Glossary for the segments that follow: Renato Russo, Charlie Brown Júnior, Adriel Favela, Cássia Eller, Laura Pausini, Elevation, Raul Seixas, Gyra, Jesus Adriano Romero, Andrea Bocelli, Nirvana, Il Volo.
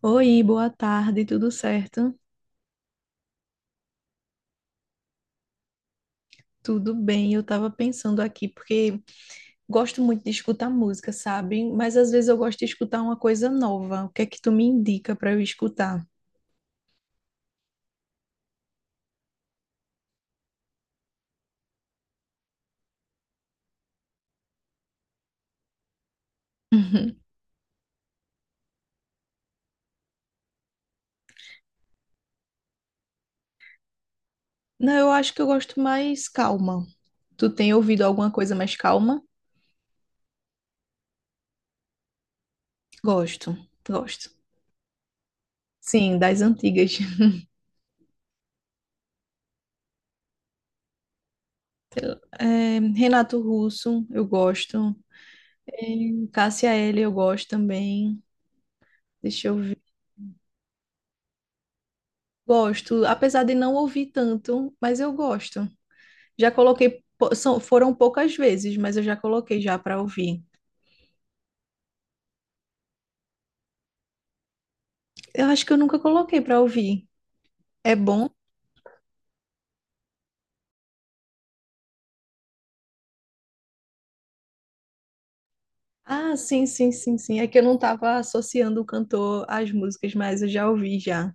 Oi, boa tarde, tudo certo? Tudo bem, eu tava pensando aqui, porque gosto muito de escutar música, sabe? Mas às vezes eu gosto de escutar uma coisa nova. O que é que tu me indica para eu escutar? Uhum. Não, eu acho que eu gosto mais calma. Tu tem ouvido alguma coisa mais calma? Gosto, gosto. Sim, das antigas. É, Renato Russo, eu gosto. É, Cássia Eller, eu gosto também. Deixa eu ver. Gosto, apesar de não ouvir tanto, mas eu gosto. Já coloquei, são, foram poucas vezes, mas eu já coloquei já para ouvir. Eu acho que eu nunca coloquei para ouvir. É bom? Ah, sim, sim, sim, sim. É que eu não estava associando o cantor às músicas, mas eu já ouvi já.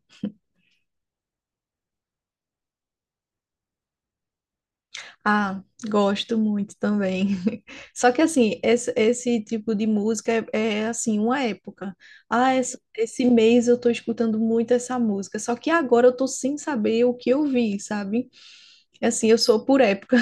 Ah, gosto muito também. Só que assim, esse tipo de música é, assim, uma época. Ah, esse mês eu tô escutando muito essa música. Só que agora eu tô sem saber o que eu vi, sabe? É. Assim, eu sou por época.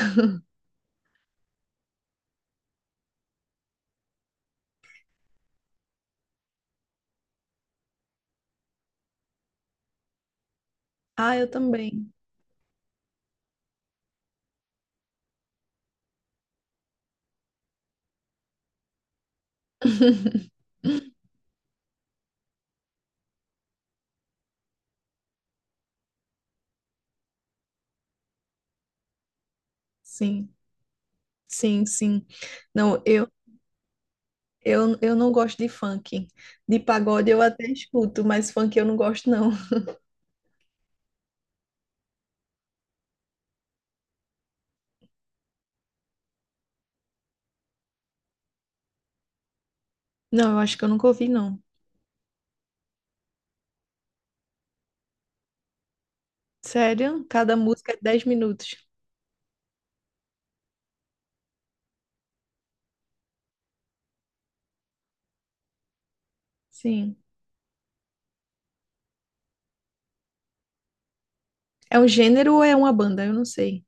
Ah, eu também. Sim. Sim, sim. Não, eu não gosto de funk. De pagode eu até escuto, mas funk eu não gosto, não. Não, eu acho que eu nunca ouvi, não. Sério? Cada música é 10 minutos. Sim. É um gênero ou é uma banda? Eu não sei.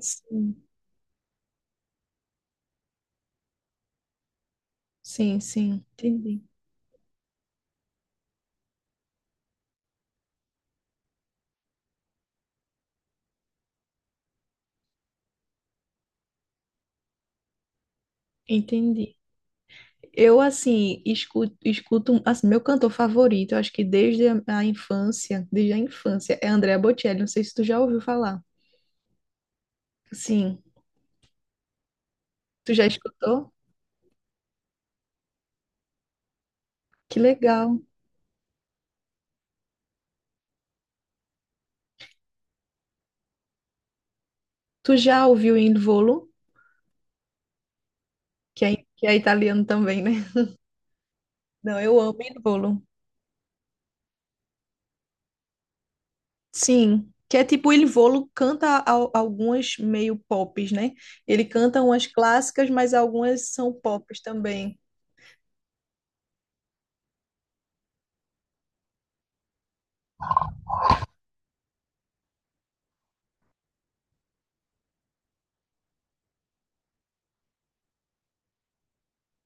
Sim, sim, sim. Entendi. Entendi. Eu, assim, escuto, assim, meu cantor favorito, eu acho que desde a infância, desde a infância, é Andrea Bocelli. Não sei se tu já ouviu falar. Sim. Tu já escutou? Que legal. Tu já ouviu Il Volo, que é italiano também, né? Não, eu amo Il Volo. Sim, que é tipo Il Volo canta algumas meio pops, né? Ele canta umas clássicas, mas algumas são pops também.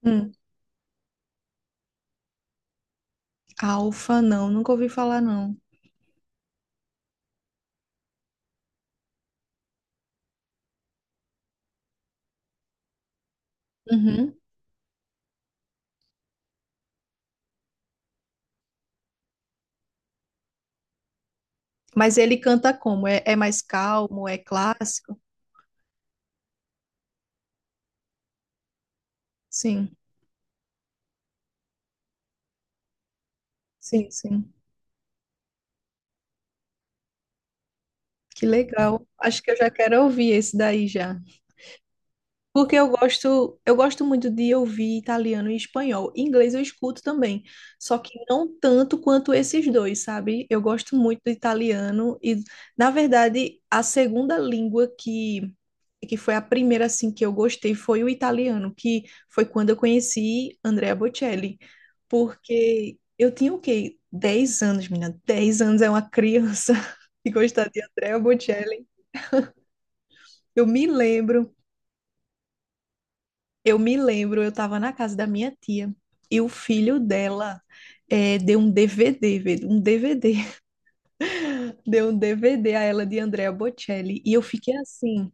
Hum. Alfa, não, nunca ouvi falar não. Uhum. Mas ele canta como? É mais calmo, é clássico? Sim, sim, sim. Que legal. Acho que eu já quero ouvir esse daí já. Porque eu gosto muito de ouvir italiano e espanhol. Inglês eu escuto também, só que não tanto quanto esses dois, sabe? Eu gosto muito do italiano e, na verdade, a segunda língua que foi a primeira assim que eu gostei foi o italiano, que foi quando eu conheci Andrea Bocelli, porque eu tinha o quê? 10 anos, menina. 10 anos é uma criança e gostar de Andrea Bocelli. Eu me lembro Eu me lembro, eu estava na casa da minha tia e o filho dela deu um DVD, velho, um DVD, deu um DVD a ela de Andrea Bocelli e eu fiquei assim,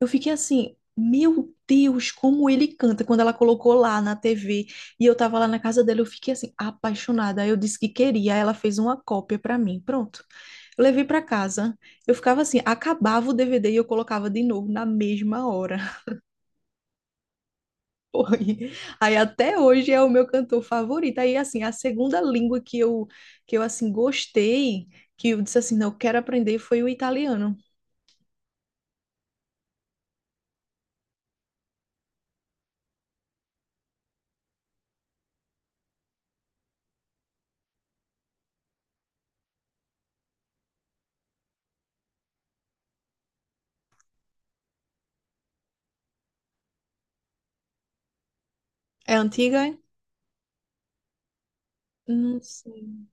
eu fiquei assim, meu Deus, como ele canta quando ela colocou lá na TV e eu tava lá na casa dela, eu fiquei assim apaixonada. Aí eu disse que queria, aí ela fez uma cópia para mim, pronto. Eu levei para casa, eu ficava assim, acabava o DVD e eu colocava de novo na mesma hora. Foi. Aí até hoje é o meu cantor favorito. Aí assim, a segunda língua que eu assim gostei, que eu disse assim, não, eu quero aprender foi o italiano. É antiga? É? Não sei.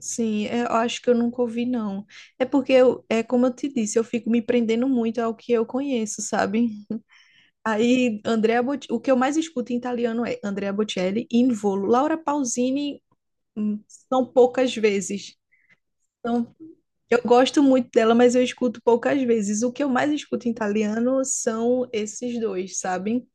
Sim, é, eu acho que eu nunca ouvi não. É porque eu, é como eu te disse, eu fico me prendendo muito ao que eu conheço, sabe? Aí o que eu mais escuto em italiano é Andrea Bocelli, Involo, Laura Pausini, hum, são poucas vezes. São Eu gosto muito dela, mas eu escuto poucas vezes. O que eu mais escuto em italiano são esses dois, sabem?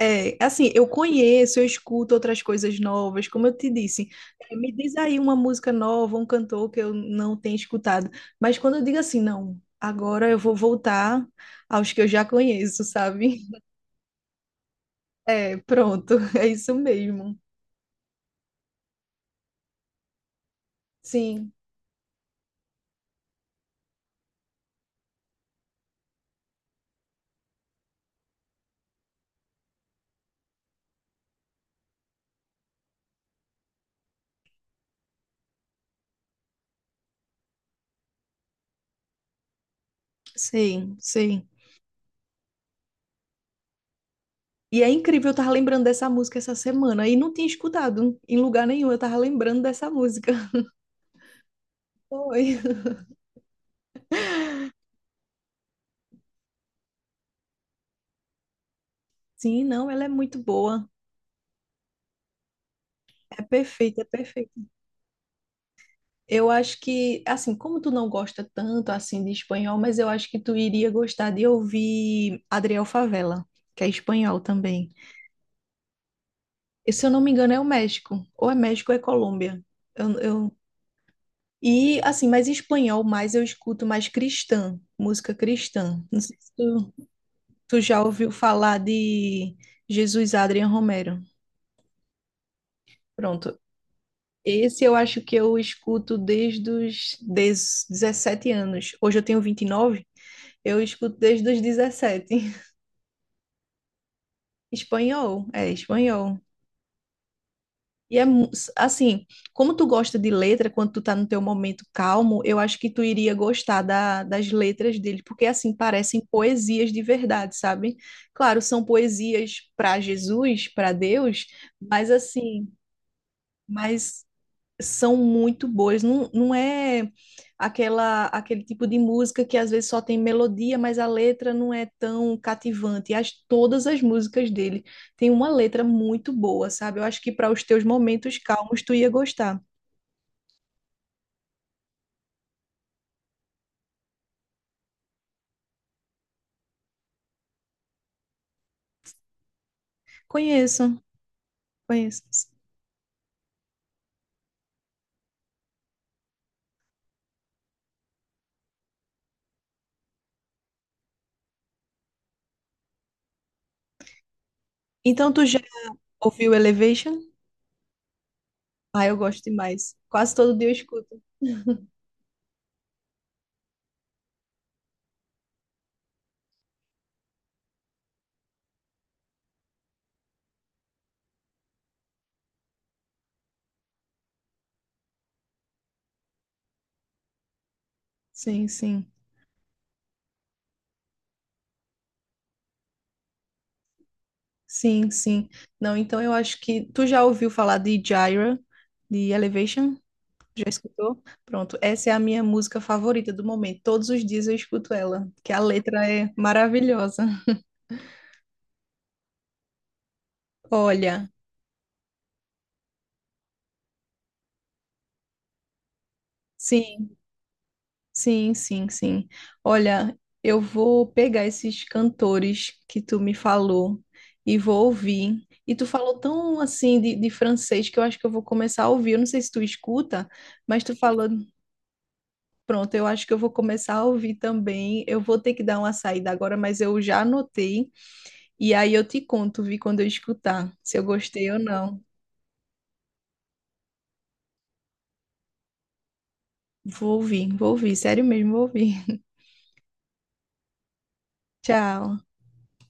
É, assim, eu conheço, eu escuto outras coisas novas, como eu te disse. É, me diz aí uma música nova, um cantor que eu não tenho escutado. Mas quando eu digo assim, não, agora eu vou voltar aos que eu já conheço, sabe? É, pronto, é isso mesmo. Sim, sim, sim. E é incrível, eu tava lembrando dessa música essa semana e não tinha escutado em lugar nenhum, eu tava lembrando dessa música. Foi. Sim, não, ela é muito boa. É perfeita, é perfeita. Eu acho que, assim, como tu não gosta tanto assim de espanhol, mas eu acho que tu iria gostar de ouvir Adriel Favela, que é espanhol também. E, se eu não me engano, é o México ou é Colômbia. Eu, eu... E assim, mas espanhol mais eu escuto mais cristã, música cristã. Não sei se tu. Tu já ouviu falar de Jesus Adriano Romero? Pronto. Esse eu acho que eu escuto desde os dezessete anos. Hoje eu tenho 29. Eu escuto desde os 17. Espanhol, é espanhol. E é assim, como tu gosta de letra, quando tu tá no teu momento calmo, eu acho que tu iria gostar das letras dele, porque assim parecem poesias de verdade, sabe? Claro, são poesias para Jesus, para Deus, mas assim, mas são muito boas. Não, não é aquela aquele tipo de música que às vezes só tem melodia, mas a letra não é tão cativante. Todas as músicas dele têm uma letra muito boa, sabe? Eu acho que para os teus momentos calmos tu ia gostar. Conheço, conheço. Então tu já ouviu Elevation? Ah, eu gosto demais. Quase todo dia eu escuto. Sim, sim. Sim, sim. Não, então eu acho que tu já ouviu falar de Gyra, de Elevation? Já escutou? Pronto, essa é a minha música favorita do momento. Todos os dias eu escuto ela, que a letra é maravilhosa. Olha, sim, sim, sim, sim. Olha, eu vou pegar esses cantores que tu me falou e vou ouvir. E tu falou tão assim de francês que eu acho que eu vou começar a ouvir. Eu não sei se tu escuta, mas tu falou. Pronto, eu acho que eu vou começar a ouvir também. Eu vou ter que dar uma saída agora, mas eu já anotei. E aí eu te conto, vi quando eu escutar, se eu gostei ou não. Vou ouvir, sério mesmo, vou ouvir. Tchau.